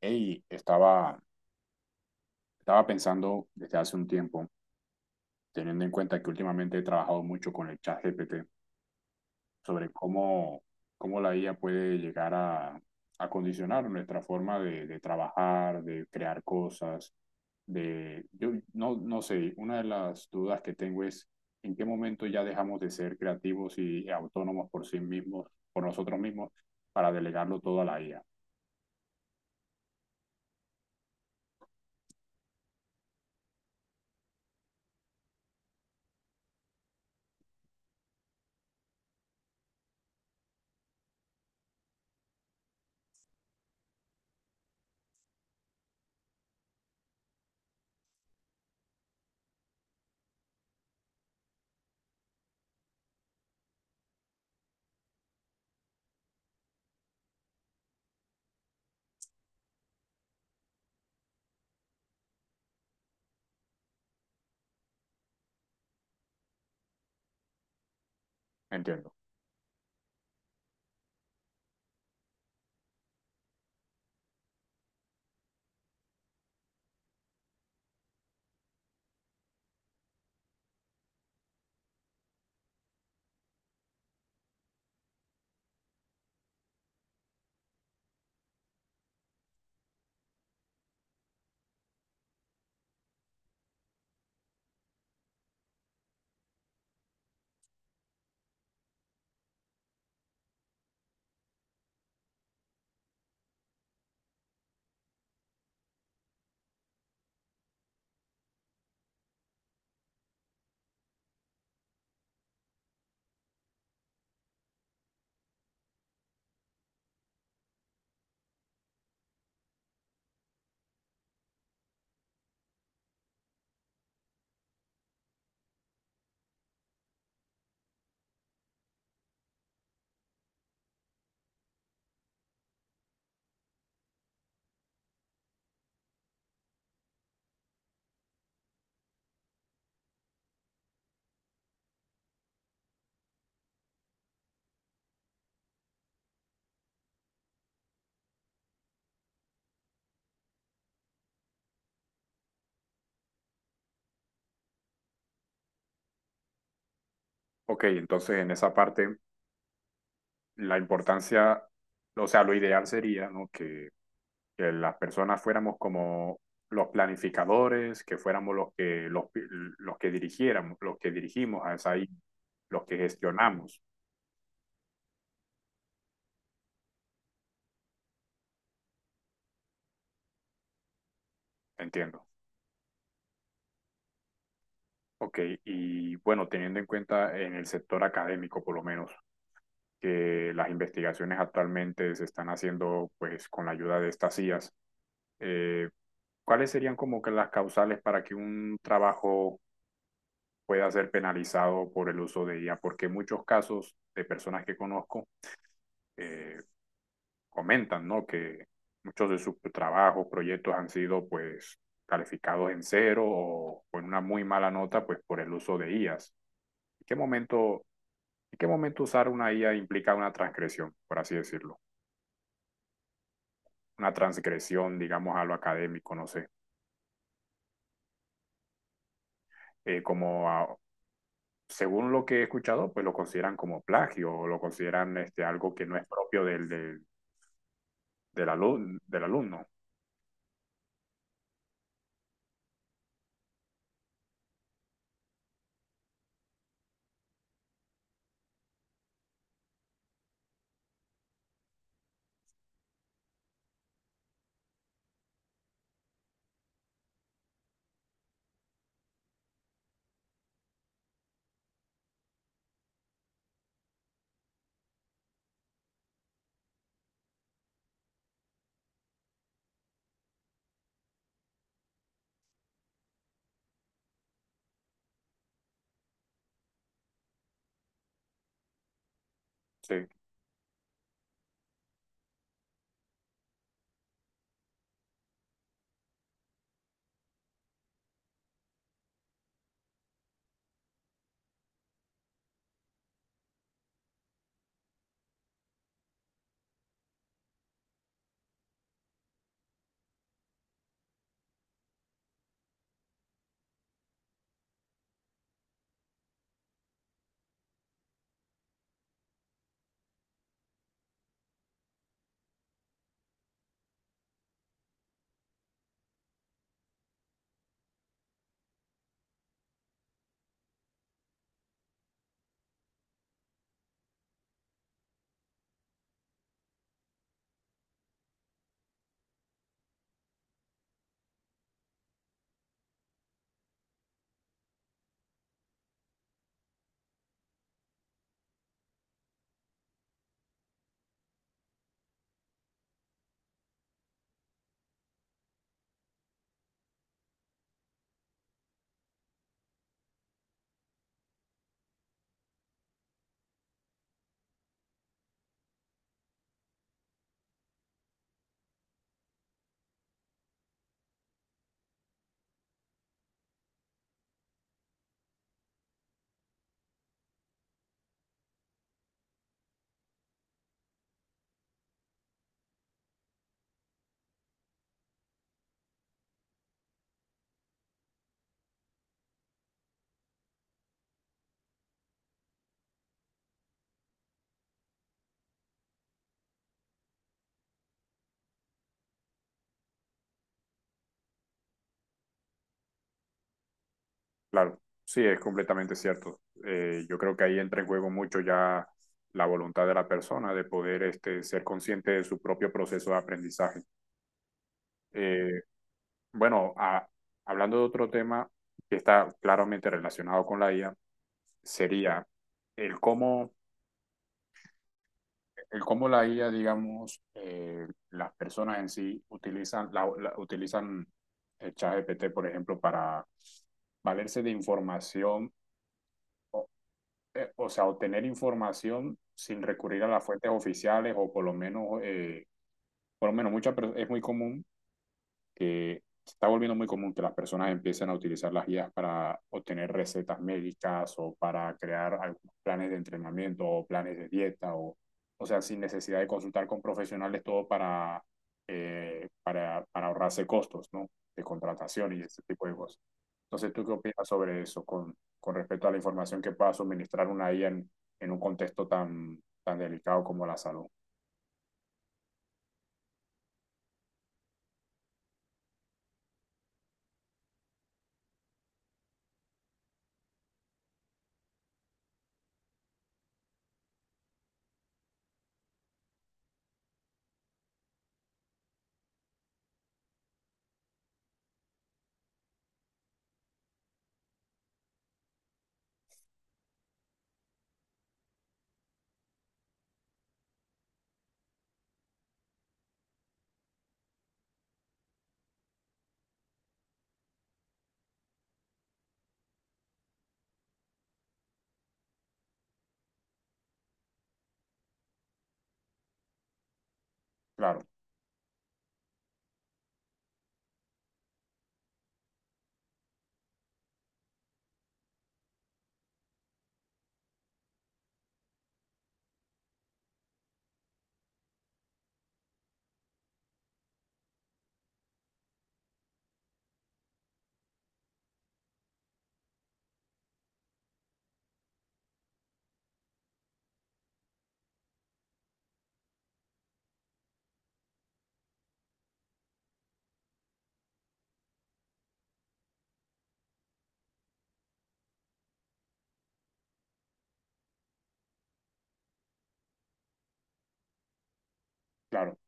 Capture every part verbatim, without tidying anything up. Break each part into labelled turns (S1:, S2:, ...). S1: Hey, estaba, estaba pensando desde hace un tiempo, teniendo en cuenta que últimamente he trabajado mucho con el chat G P T, sobre cómo, cómo la I A puede llegar a, a condicionar nuestra forma de, de trabajar, de crear cosas, de... Yo no, no sé, una de las dudas que tengo es en qué momento ya dejamos de ser creativos y autónomos por sí mismos, por nosotros mismos, para delegarlo todo a la I A. Entiendo. Ok, entonces en esa parte... la importancia, o sea, lo ideal sería, ¿no? Que, que las personas fuéramos como los planificadores, que fuéramos los que, los, los que dirigiéramos, los que dirigimos a esa isla, los que gestionamos, entiendo. Ok, y bueno, teniendo en cuenta en el sector académico, por lo menos, que las investigaciones actualmente se están haciendo pues con la ayuda de estas I A S, eh, ¿cuáles serían como que las causales para que un trabajo pueda ser penalizado por el uso de I A? Porque muchos casos de personas que conozco eh, comentan, ¿no? Que muchos de sus trabajos, proyectos han sido pues calificados en cero o con una muy mala nota pues por el uso de I As. ¿En qué momento, en qué momento usar una I A implica una transgresión, por así decirlo? Una transgresión, digamos, a lo académico, no sé. Eh, como a, según lo que he escuchado, pues lo consideran como plagio o lo consideran este, algo que no es propio del, del, del, alu del alumno. Sí, claro, sí, es completamente cierto. Eh, yo creo que ahí entra en juego mucho ya la voluntad de la persona de poder este, ser consciente de su propio proceso de aprendizaje. Eh, bueno, a, hablando de otro tema que está claramente relacionado con la I A, sería el cómo, el cómo la I A, digamos, eh, las personas en sí utilizan, la, la- utilizan el ChatGPT, por ejemplo, para valerse de información eh, o sea, obtener información sin recurrir a las fuentes oficiales o por lo menos, eh, por lo menos muchas per- es muy común que se está volviendo muy común que las personas empiecen a utilizar las guías para obtener recetas médicas o para crear algunos planes de entrenamiento o planes de dieta o, o sea, sin necesidad de consultar con profesionales todo para, eh, para, para ahorrarse costos, ¿no? De contratación y ese tipo de cosas. Entonces, ¿tú qué opinas sobre eso con, con respecto a la información que pueda suministrar una I A en, en un contexto tan, tan delicado como la salud? Claro, claro.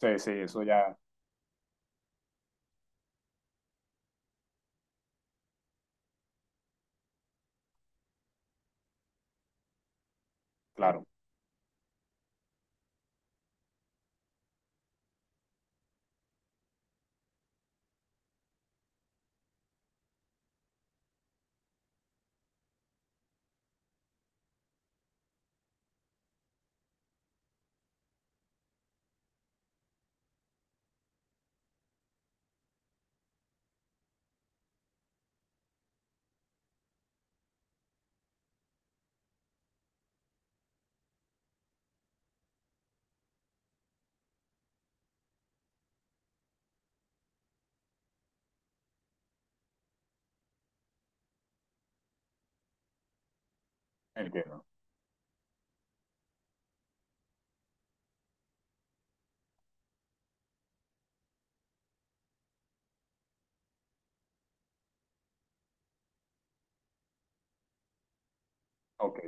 S1: Sí, sí, eso ya, claro, entiendo. Ok.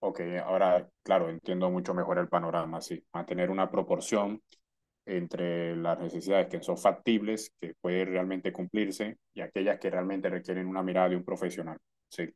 S1: Ok, ahora, claro, entiendo mucho mejor el panorama, sí. Mantener una proporción entre las necesidades que son factibles, que pueden realmente cumplirse, y aquellas que realmente requieren una mirada de un profesional. Sí.